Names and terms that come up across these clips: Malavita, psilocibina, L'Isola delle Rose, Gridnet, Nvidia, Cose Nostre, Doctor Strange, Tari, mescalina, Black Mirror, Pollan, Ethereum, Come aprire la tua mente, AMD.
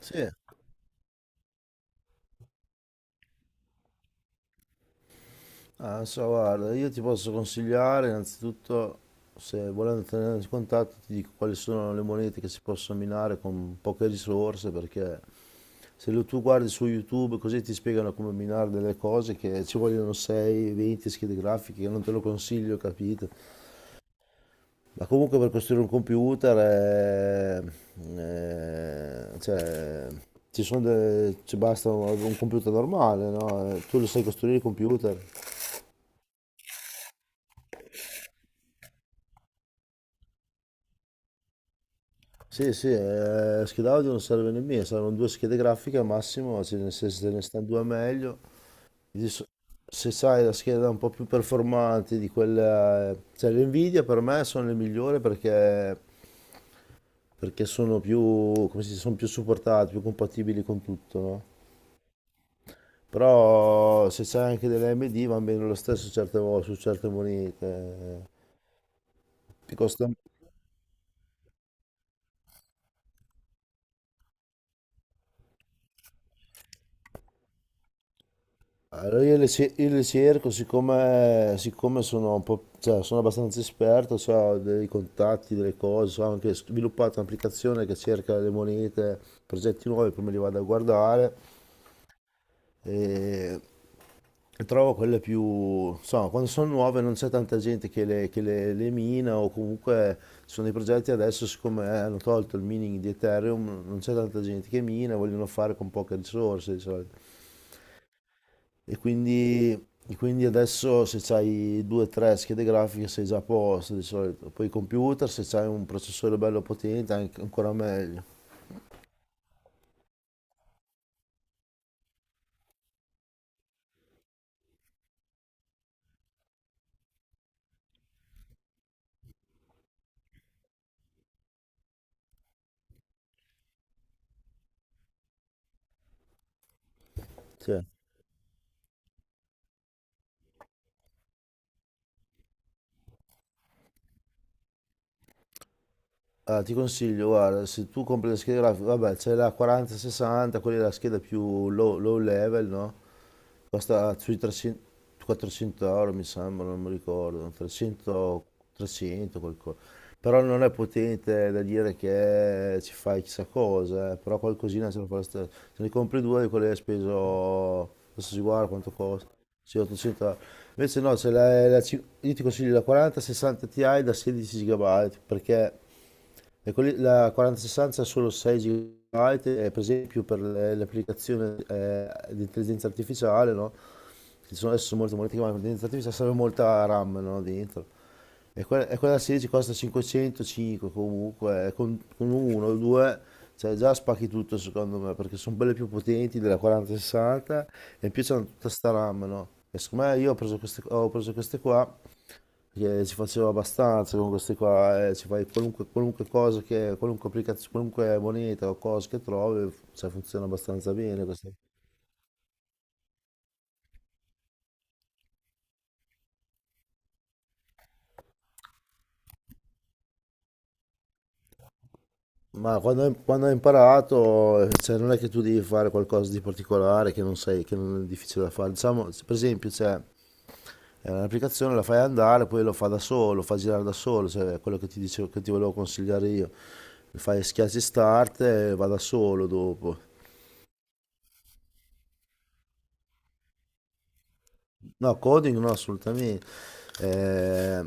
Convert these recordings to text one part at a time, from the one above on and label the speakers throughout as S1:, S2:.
S1: Sì, ah, so, guarda, io ti posso consigliare innanzitutto, se volendo tenere in contatto, ti dico quali sono le monete che si possono minare con poche risorse, perché se lo tu guardi su YouTube così ti spiegano come minare delle cose che ci vogliono 6, 20 schede grafiche, che non te lo consiglio, capito? Ma comunque per costruire un computer, cioè, ci sono ci basta un computer normale, no? Tu lo sai costruire il computer? Sì, sì, scheda audio non serve nemmeno, servono due schede grafiche al massimo, cioè, nel senso, se ne stanno due meglio. Adesso, se sai la scheda un po' più performante di quella, cioè le Nvidia per me sono le migliori perché sono più, come si dice, sono più supportate, più compatibili con tutto, no? Però se c'è anche delle AMD va bene lo stesso certe volte, su certe monete. Ti costa, Allora io le cerco, siccome sono un po', cioè, sono abbastanza esperto, cioè, ho dei contatti, delle cose, so, ho anche sviluppato un'applicazione che cerca le monete, progetti nuovi, prima li vado a guardare e, e trovo quelle più, insomma, quando sono nuove non c'è tanta gente le mina o comunque ci sono dei progetti adesso, siccome hanno tolto il mining di Ethereum, non c'è tanta gente che mina, vogliono fare con poche risorse di solito. E quindi, e quindi adesso se c'hai due o tre schede grafiche sei già a posto di solito. Poi i computer, se c'hai un processore bello potente, ancora meglio. Sì. Ah, ti consiglio, guarda, se tu compri le schede grafiche, vabbè, c'è la 4060, quella è la scheda più low, low level, no? Costa sui 300, 400 euro mi sembra, non mi ricordo, 300, 300 qualcosa. Però non è potente da dire che ci fai chissà cosa, però qualcosina se lo fa lo stesso. Se ne compri due di quelli hai speso, adesso si guarda quanto costa, sì 800 euro. Invece no, se la, la ci- io ti consiglio la 4060 Ti da 16 GB La 4060 ha solo 6 GB, e per esempio per le applicazioni di intelligenza artificiale, no? Che sono adesso sono molto molto chiamate, intelligenza artificiale serve molta RAM, no? Dentro. E quella 16 costa 505 comunque, e con uno o due, cioè già spacchi tutto secondo me, perché sono belle più potenti della 4060 e in più c'hanno tutta sta RAM, no? E secondo me io ho preso queste qua perché si faceva abbastanza con questi qua, ci fai qualunque cosa che, qualunque applicazione, qualunque moneta o cosa che trovi, cioè, funziona abbastanza bene questa. Ma quando hai imparato, cioè, non è che tu devi fare qualcosa di particolare che non sai, che non è difficile da fare. Diciamo, per esempio, cioè, è un'applicazione la fai andare, poi lo fa da solo, lo fa girare da solo, cioè, è quello che ti dicevo, che ti volevo consigliare io. Fai, schiacci start e va da solo dopo. No, coding no, assolutamente. Eh,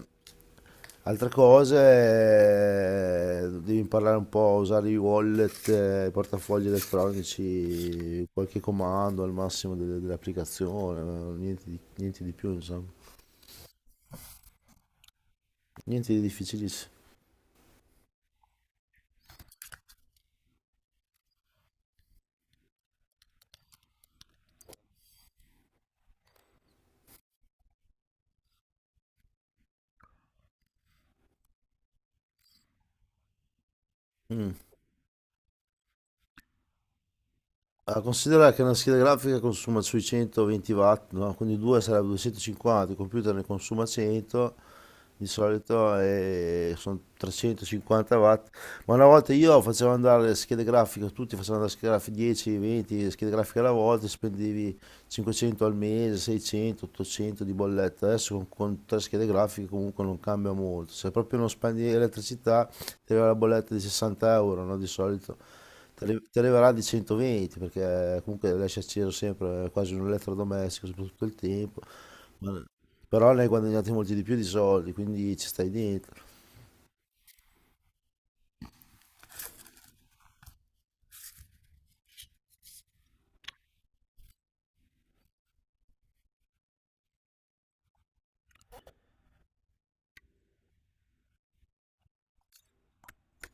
S1: Altre cose, devi imparare un po' a usare i wallet, i portafogli elettronici, qualche comando al massimo dell'applicazione, niente di più, insomma. Niente di difficilissimo. Mm. Ah, considera che una scheda grafica consuma sui 120 watt, no? Quindi 2 sarebbe 250, il computer ne consuma 100 di solito sono 350 watt, ma una volta io facevo andare le schede grafiche, tutti facevano andare le schede grafiche 10, 20 schede grafiche alla volta, spendevi 500 al mese, 600, 800 di bolletta, adesso con tre schede grafiche comunque non cambia molto, se proprio non spendi elettricità ti arriva la bolletta di 60 euro, no? Di solito ti arriverà di 120 perché comunque lasci acceso sempre, è quasi un elettrodomestico soprattutto il tempo. Ma però ne hai guadagnati molti di più di soldi, quindi ci stai dentro.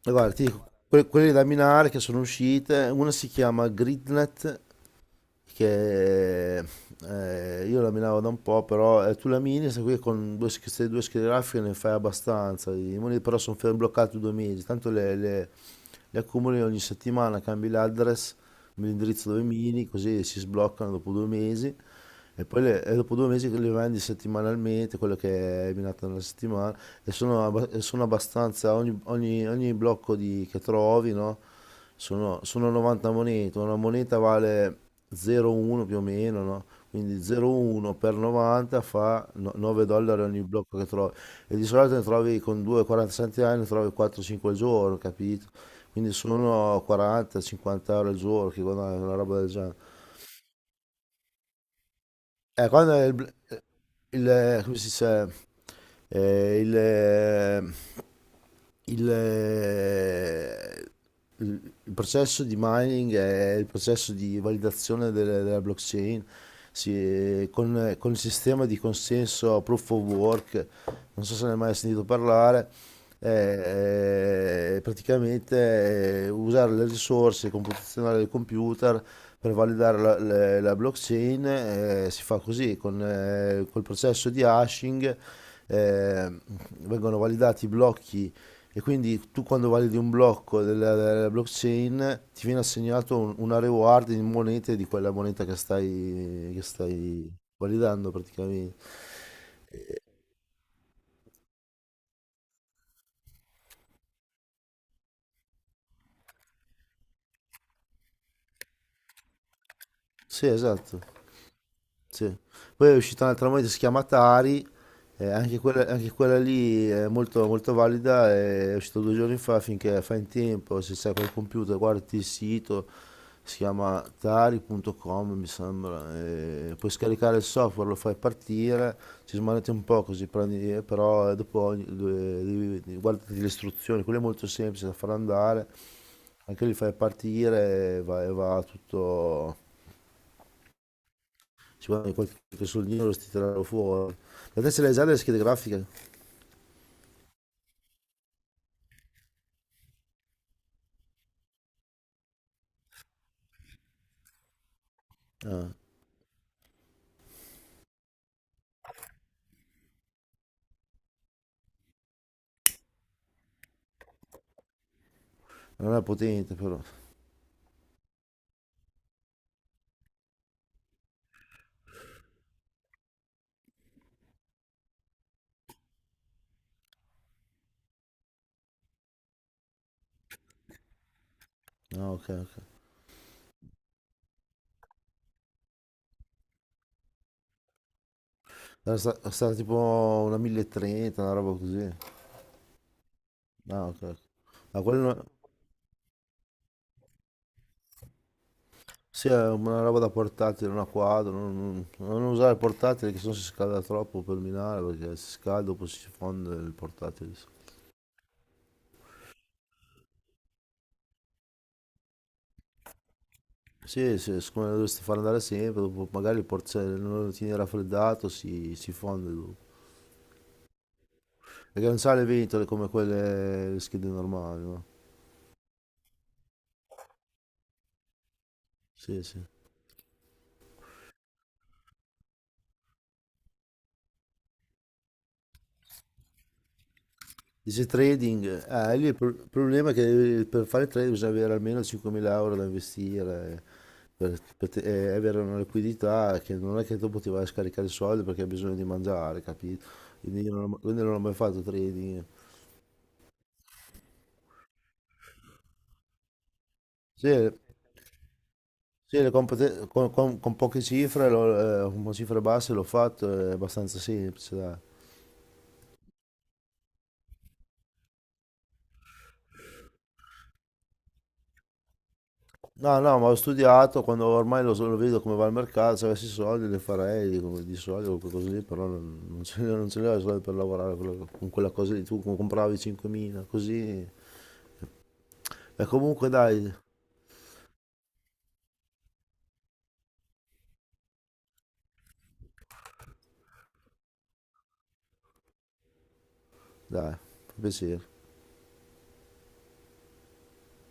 S1: E guarda, ti dico, quelle da minare che sono uscite, una si chiama Gridnet che io laminavo da un po', però, tu lamini, questa qui con queste due schede grafiche ne fai abbastanza, i moniti però sono fermi bloccati 2 mesi, tanto le accumuli ogni settimana, cambi l'address, l'indirizzo dove mini, così si sbloccano dopo 2 mesi e poi e dopo 2 mesi le vendi settimanalmente, quello che hai minato nella settimana e e sono abbastanza, ogni blocco che trovi, no? Sono 90 monete, una moneta vale 0,1 più o meno, no? Quindi 0,1 per 90 fa 9 dollari ogni blocco che trovi. E di solito ne trovi con 2,40 centesimi, ne trovi 4-5 al giorno, capito? Quindi sono 40-50 euro al giorno che guadagni una roba del genere. Quando è il, bl- il- Come si dice, Eh, il, eh, il, eh, il processo di mining è il processo di validazione della blockchain con il sistema di consenso proof of work, non so se ne hai mai sentito parlare, usare le risorse computazionali del computer per validare la blockchain si fa così col processo di hashing eh, vengono validati i blocchi e quindi tu quando validi un blocco della blockchain ti viene assegnato una reward in monete di quella moneta che stai, validando praticamente. Sì, esatto. Sì. Poi è uscita un'altra moneta, si chiama Tari, anche quella lì è molto, molto valida, è uscita 2 giorni fa, finché fai in tempo, se sei col computer guardi il sito, si chiama tari.com, mi sembra, puoi scaricare il software, lo fai partire, ci smanetti un po' così, prendi, però dopo guardati le istruzioni, quello è molto semplice da far andare, anche lì fai partire e va tutto, ci guadagni qualche soldino lo ti tirano fuori. La te se l'hai già le schede grafiche? Ah, Non è potente però. Ah, ok, ok. Era sta tipo una 1030, una roba così. Ah, ok. Ok. Ma ah, quello non- sì, è una roba da portatile, una quadro. Non usare il portatile che sennò si scalda troppo per minare perché si scalda dopo si fonde il portatile. Sì, sì, siccome lo dovresti far andare sempre, dopo magari se non lo tieni raffreddato si fonde dopo. Perché non sa le ventole come quelle le schede normali, no? Sì, sì. Dice trading, lì il problema è che per fare trading bisogna avere almeno 5.000 euro da investire, per avere una liquidità che non è che dopo ti vai a scaricare i soldi perché hai bisogno di mangiare, capito? Quindi non ho mai fatto trading. Sì, sì, le compete- con poche cifre, con cifre basse l'ho fatto, è abbastanza semplice, dai. No, no, ma ho studiato, quando ormai lo vedo come va il mercato, se avessi soldi li farei di soldi o qualcosa lì, però non ce li ho, non ce li ho i soldi per lavorare con quella cosa lì, tu compravi 5.000, così. E comunque dai, dai, fa piacere.